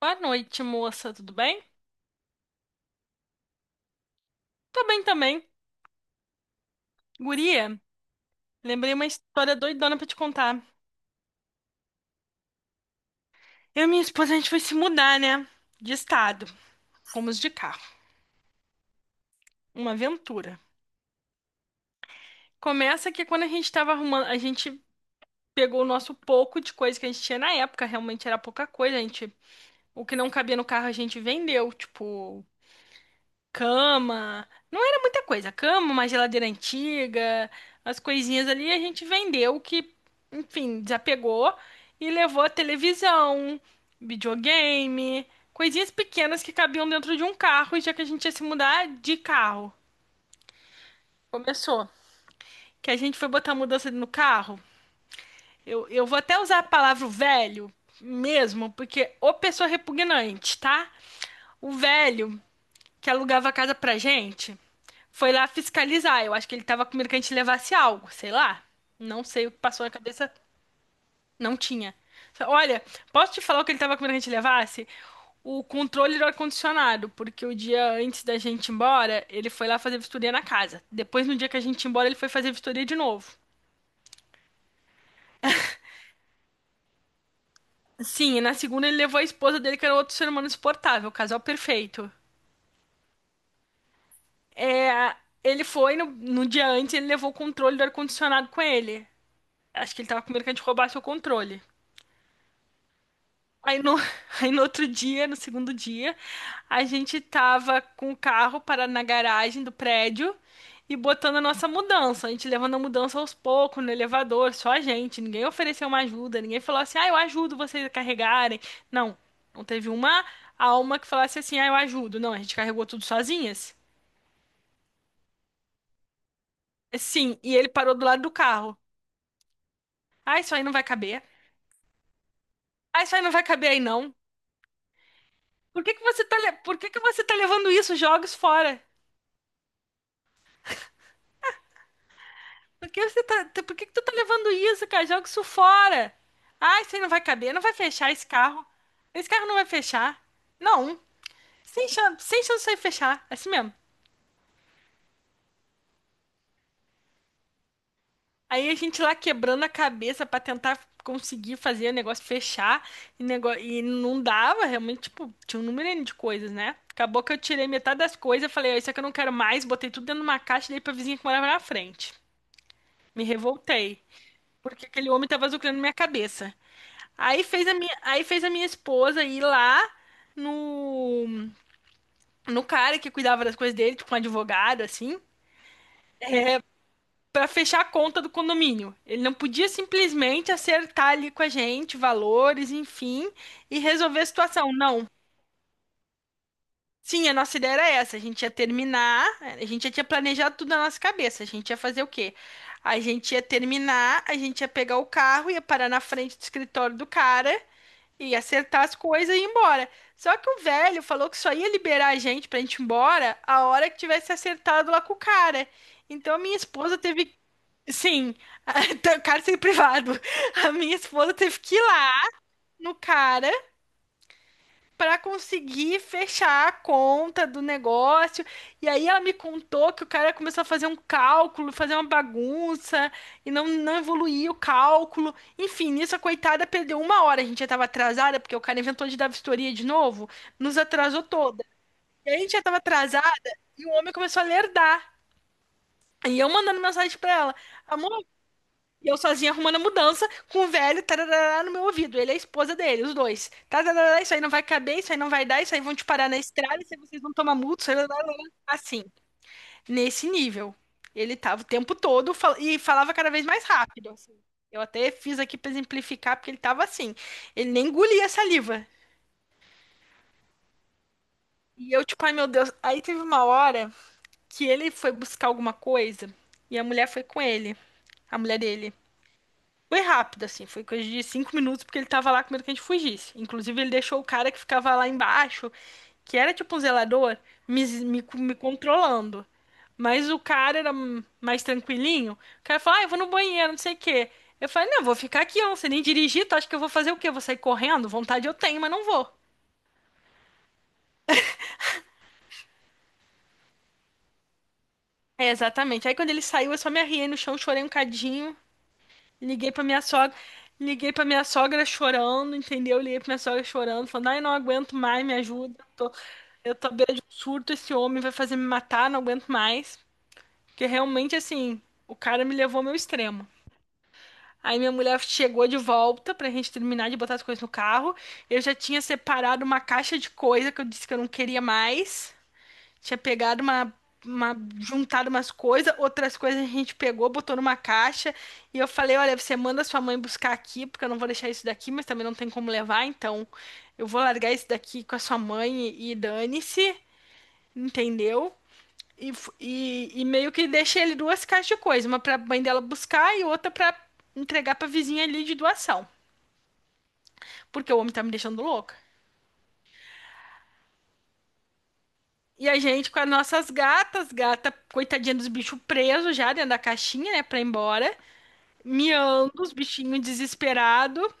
Boa noite, moça, tudo bem? Tô bem também. Guria, lembrei uma história doidona pra te contar. Eu e minha esposa, a gente foi se mudar, né? De estado. Fomos de carro. Uma aventura. Começa que quando a gente tava arrumando, a gente pegou o nosso pouco de coisa que a gente tinha na época, realmente era pouca coisa, a gente. O que não cabia no carro a gente vendeu, tipo, cama. Não era muita coisa. Cama, uma geladeira antiga, as coisinhas ali a gente vendeu que, enfim, desapegou e levou a televisão, videogame, coisinhas pequenas que cabiam dentro de um carro, e já que a gente ia se mudar de carro. Começou. Que a gente foi botar a mudança no carro. Eu vou até usar a palavra velho mesmo, porque ô pessoa repugnante, tá? O velho que alugava a casa pra gente. Foi lá fiscalizar. Eu acho que ele tava com medo que a gente levasse algo, sei lá. Não sei o que passou na cabeça. Não tinha. Olha, posso te falar o que ele tava com medo que a gente levasse? O controle do ar-condicionado, porque o dia antes da gente ir embora, ele foi lá fazer vistoria na casa. Depois, no dia que a gente ia embora, ele foi fazer vistoria de novo. Sim, e na segunda ele levou a esposa dele, que era outro ser humano insuportável, casal perfeito. É, ele foi, no dia antes, ele levou o controle do ar-condicionado com ele. Acho que ele tava com medo que a gente roubasse o controle. Aí no, aí no outro dia, no segundo dia, a gente tava com o carro parado na garagem do prédio e botando a nossa mudança. A gente levando a mudança aos poucos, no elevador, só a gente. Ninguém ofereceu uma ajuda, ninguém falou assim, ah, eu ajudo vocês a carregarem. Não, não teve uma alma que falasse assim, ah, eu ajudo. Não, a gente carregou tudo sozinhas. Sim, e ele parou do lado do carro. Ah, isso aí não vai caber. Ah, isso aí não vai caber aí não. Por que que você tá, por que que você tá levando isso? Joga isso fora. Por que você tá, por que que tu tá levando isso, cara? Joga isso fora. Ai, isso aí não vai caber, não vai fechar esse carro. Esse carro não vai fechar. Não, sem chance, sem chance de fechar, é assim mesmo. Aí a gente lá quebrando a cabeça pra tentar conseguir fazer o negócio fechar e, e não dava, realmente, tipo, tinha um número N de coisas, né? Acabou que eu tirei metade das coisas, falei, "Ó, isso aqui eu não quero mais, botei tudo dentro de uma caixa e dei pra vizinha que morava na frente. Me revoltei, porque aquele homem tava zucrando minha cabeça. Aí fez a minha esposa ir lá no, no cara que cuidava das coisas dele, tipo um advogado, assim, pra fechar a conta do condomínio. Ele não podia simplesmente acertar ali com a gente valores, enfim, e resolver a situação. Não. Sim, a nossa ideia era essa. A gente ia terminar, a gente já tinha planejado tudo na nossa cabeça. A gente ia fazer o quê? A gente ia terminar, a gente ia pegar o carro, ia parar na frente do escritório do cara e acertar as coisas e ir embora. Só que o velho falou que só ia liberar a gente pra gente ir embora a hora que tivesse acertado lá com o cara. Então a minha esposa teve. Sim, cárcere privado. A minha esposa teve que ir lá no cara para conseguir fechar a conta do negócio. E aí ela me contou que o cara começou a fazer um cálculo, fazer uma bagunça e não evoluía o cálculo. Enfim, nisso a coitada perdeu uma hora. A gente já estava atrasada, porque o cara inventou de dar vistoria de novo, nos atrasou toda. E a gente já estava atrasada e o homem começou a lerdar. E eu mandando mensagem para ela: Amor, e eu sozinha arrumando a mudança com o velho tarará no meu ouvido. Ele é a esposa dele, os dois. Tarará, isso aí não vai caber, isso aí não vai dar, isso aí vão te parar na estrada, isso aí vocês vão tomar multa, isso aí, lá, lá, lá. Assim, nesse nível. Ele tava o tempo todo e falava cada vez mais rápido, assim. Eu até fiz aqui pra exemplificar, porque ele tava assim. Ele nem engolia a saliva. E eu, tipo, ai meu Deus. Aí teve uma hora que ele foi buscar alguma coisa e a mulher foi com ele, a mulher dele. Foi rápido, assim, foi coisa de 5 minutos, porque ele tava lá com medo que a gente fugisse. Inclusive, ele deixou o cara que ficava lá embaixo, que era tipo um zelador, me controlando. Mas o cara era mais tranquilinho. O cara falou, ah, eu vou no banheiro, não sei o quê. Eu falei, não, eu vou ficar aqui, eu não sei nem dirigir, tu acha que eu vou fazer o quê? Eu vou sair correndo? Vontade eu tenho, mas não vou. É, exatamente. Aí quando ele saiu, eu só me arriei no chão, chorei um cadinho. Liguei pra minha sogra, liguei pra minha sogra chorando, entendeu? Liguei pra minha sogra chorando, falando, ai, não aguento mais, me ajuda. Eu tô à beira de um surto, esse homem vai fazer me matar, não aguento mais. Porque realmente, assim, o cara me levou ao meu extremo. Aí minha mulher chegou de volta pra gente terminar de botar as coisas no carro. Eu já tinha separado uma caixa de coisa que eu disse que eu não queria mais. Tinha pegado uma, uma juntado umas coisas, outras coisas a gente pegou, botou numa caixa. E eu falei: Olha, você manda sua mãe buscar aqui, porque eu não vou deixar isso daqui, mas também não tem como levar. Então eu vou largar isso daqui com a sua mãe e dane-se, entendeu? E, e meio que deixei ele duas caixas de coisa: uma pra mãe dela buscar e outra pra entregar pra vizinha ali de doação, porque o homem tá me deixando louca. E a gente com as nossas gatas, gata, coitadinha dos bichos presos já dentro da caixinha, né, pra ir embora. Miando, os bichinhos desesperados.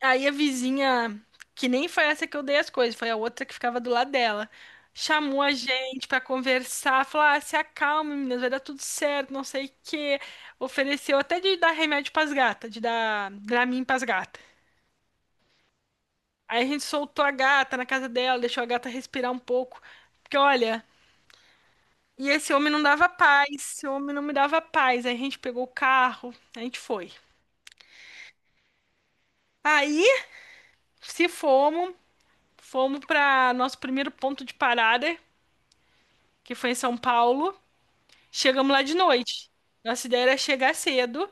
Aí a vizinha, que nem foi essa que eu dei as coisas, foi a outra que ficava do lado dela. Chamou a gente pra conversar, falou: ah, se acalma, meninas, vai dar tudo certo, não sei o quê. Ofereceu até de dar remédio pras gatas, de dar Dramin pras gatas. Aí a gente soltou a gata na casa dela, deixou a gata respirar um pouco. Porque olha, e esse homem não dava paz, esse homem não me dava paz. Aí a gente pegou o carro, a gente foi. Aí se fomos. Fomos para nosso primeiro ponto de parada, que foi em São Paulo. Chegamos lá de noite. Nossa ideia era chegar cedo,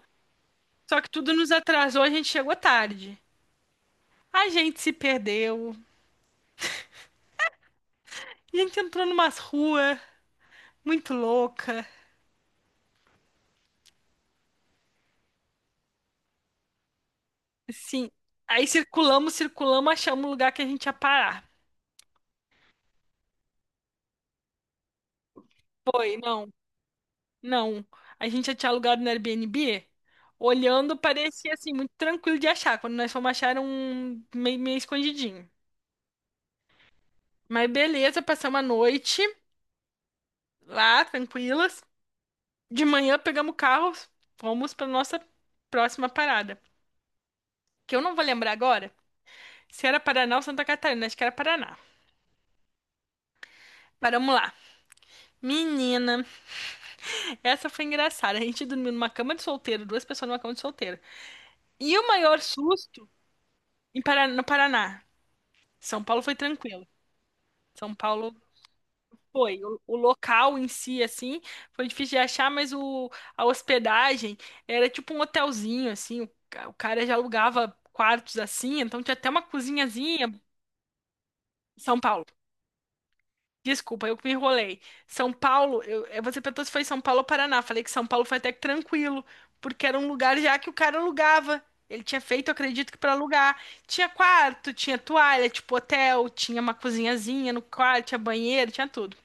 só que tudo nos atrasou, a gente chegou tarde. A gente se perdeu. A gente entrou numa rua muito louca. Assim, aí circulamos, circulamos, achamos o lugar que a gente ia parar. Foi, não, não. A gente já tinha alugado no Airbnb. Olhando, parecia assim, muito tranquilo de achar. Quando nós fomos achar, era um meio escondidinho. Mas beleza, passamos a noite lá, tranquilas. De manhã pegamos o carro, fomos para nossa próxima parada. Que eu não vou lembrar agora se era Paraná ou Santa Catarina, acho que era Paraná. Paramos lá. Menina, essa foi engraçada. A gente dormiu numa cama de solteiro, duas pessoas numa cama de solteiro. E o maior susto em Paraná, no Paraná. São Paulo foi tranquilo. São Paulo foi, o local em si, assim, foi difícil de achar, mas o, a hospedagem era tipo um hotelzinho, assim, o, o cara já alugava quartos assim, então tinha até uma cozinhazinha. São Paulo. Desculpa, eu que me enrolei. São Paulo, eu, você perguntou se foi São Paulo ou Paraná. Falei que São Paulo foi até que tranquilo, porque era um lugar já que o cara alugava. Ele tinha feito, acredito que para alugar. Tinha quarto, tinha toalha, tipo hotel, tinha uma cozinhazinha no quarto, tinha banheiro, tinha tudo.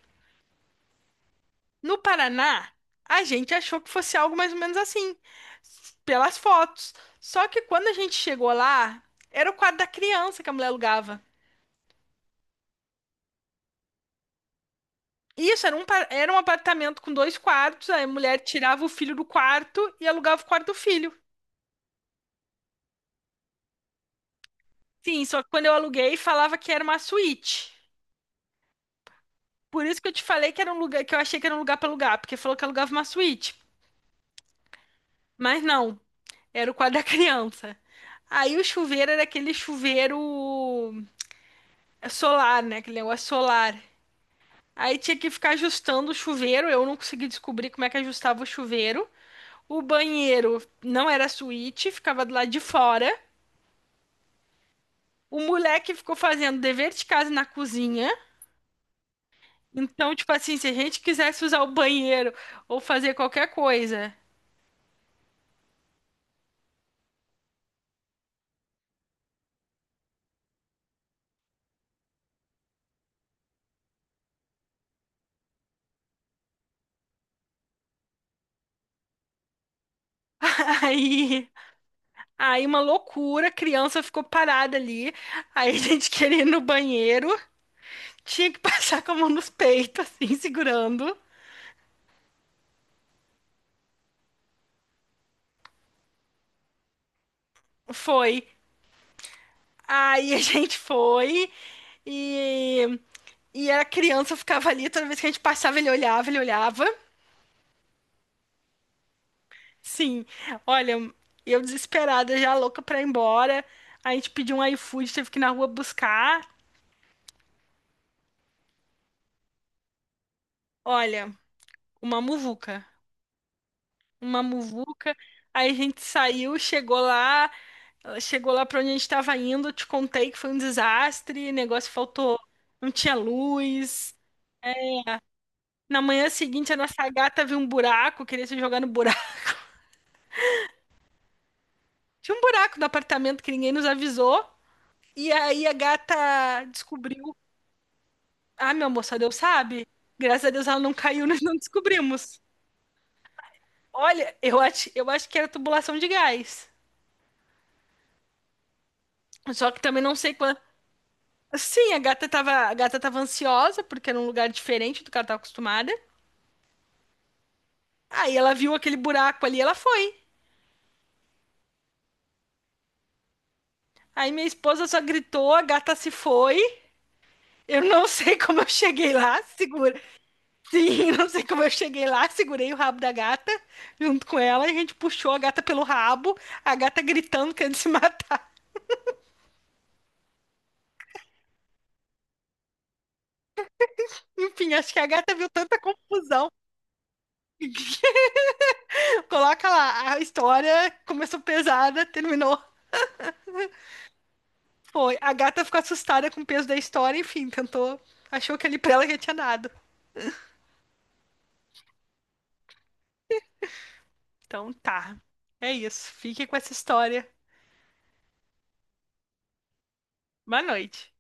No Paraná, a gente achou que fosse algo mais ou menos assim, pelas fotos. Só que quando a gente chegou lá, era o quarto da criança que a mulher alugava. Isso, era um, era um apartamento com dois quartos, aí a mulher tirava o filho do quarto e alugava o quarto do filho. Sim, só que quando eu aluguei, falava que era uma suíte. Por isso que eu te falei que era um lugar, que eu achei que era um lugar pra alugar, porque falou que alugava uma suíte. Mas não, era o quarto da criança. Aí o chuveiro era aquele chuveiro é solar, né? Aquele negócio solar. Aí tinha que ficar ajustando o chuveiro. Eu não consegui descobrir como é que ajustava o chuveiro. O banheiro não era suíte, ficava do lado de fora. O moleque ficou fazendo dever de casa na cozinha. Então, tipo assim, se a gente quisesse usar o banheiro ou fazer qualquer coisa, aí, aí uma loucura, a criança ficou parada ali. Aí a gente queria ir no banheiro, tinha que passar com a mão nos peitos, assim, segurando. Foi. Aí a gente foi e, e a criança ficava ali, toda vez que a gente passava, ele olhava, ele olhava. Sim, olha, eu desesperada, já louca pra ir embora. A gente pediu um iFood, teve que ir na rua buscar. Olha, uma muvuca, uma muvuca. Aí a gente saiu, chegou lá pra onde a gente tava indo. Te contei que foi um desastre, negócio faltou, não tinha luz. Na manhã seguinte, a nossa gata viu um buraco, queria se jogar no buraco. Tinha um buraco no apartamento que ninguém nos avisou. E aí a gata descobriu. Ah, meu moça, Deus sabe. Graças a Deus ela não caiu, nós não descobrimos. Olha, eu acho que era tubulação de gás. Só que também não sei quando. Sim, a gata tava ansiosa, porque era um lugar diferente do que ela tava acostumada. Aí ela viu aquele buraco ali, ela foi. Aí minha esposa só gritou, a gata se foi. Eu não sei como eu cheguei lá, segura. Sim, não sei como eu cheguei lá, segurei o rabo da gata junto com ela, e a gente puxou a gata pelo rabo, a gata gritando querendo se matar. Enfim, acho que a gata viu tanta confusão. Coloca lá, a história começou pesada, terminou. Foi. A gata ficou assustada com o peso da história, enfim, tentou. Achou que ali pra ela já tinha dado. Então tá. É isso. Fique com essa história. Boa noite.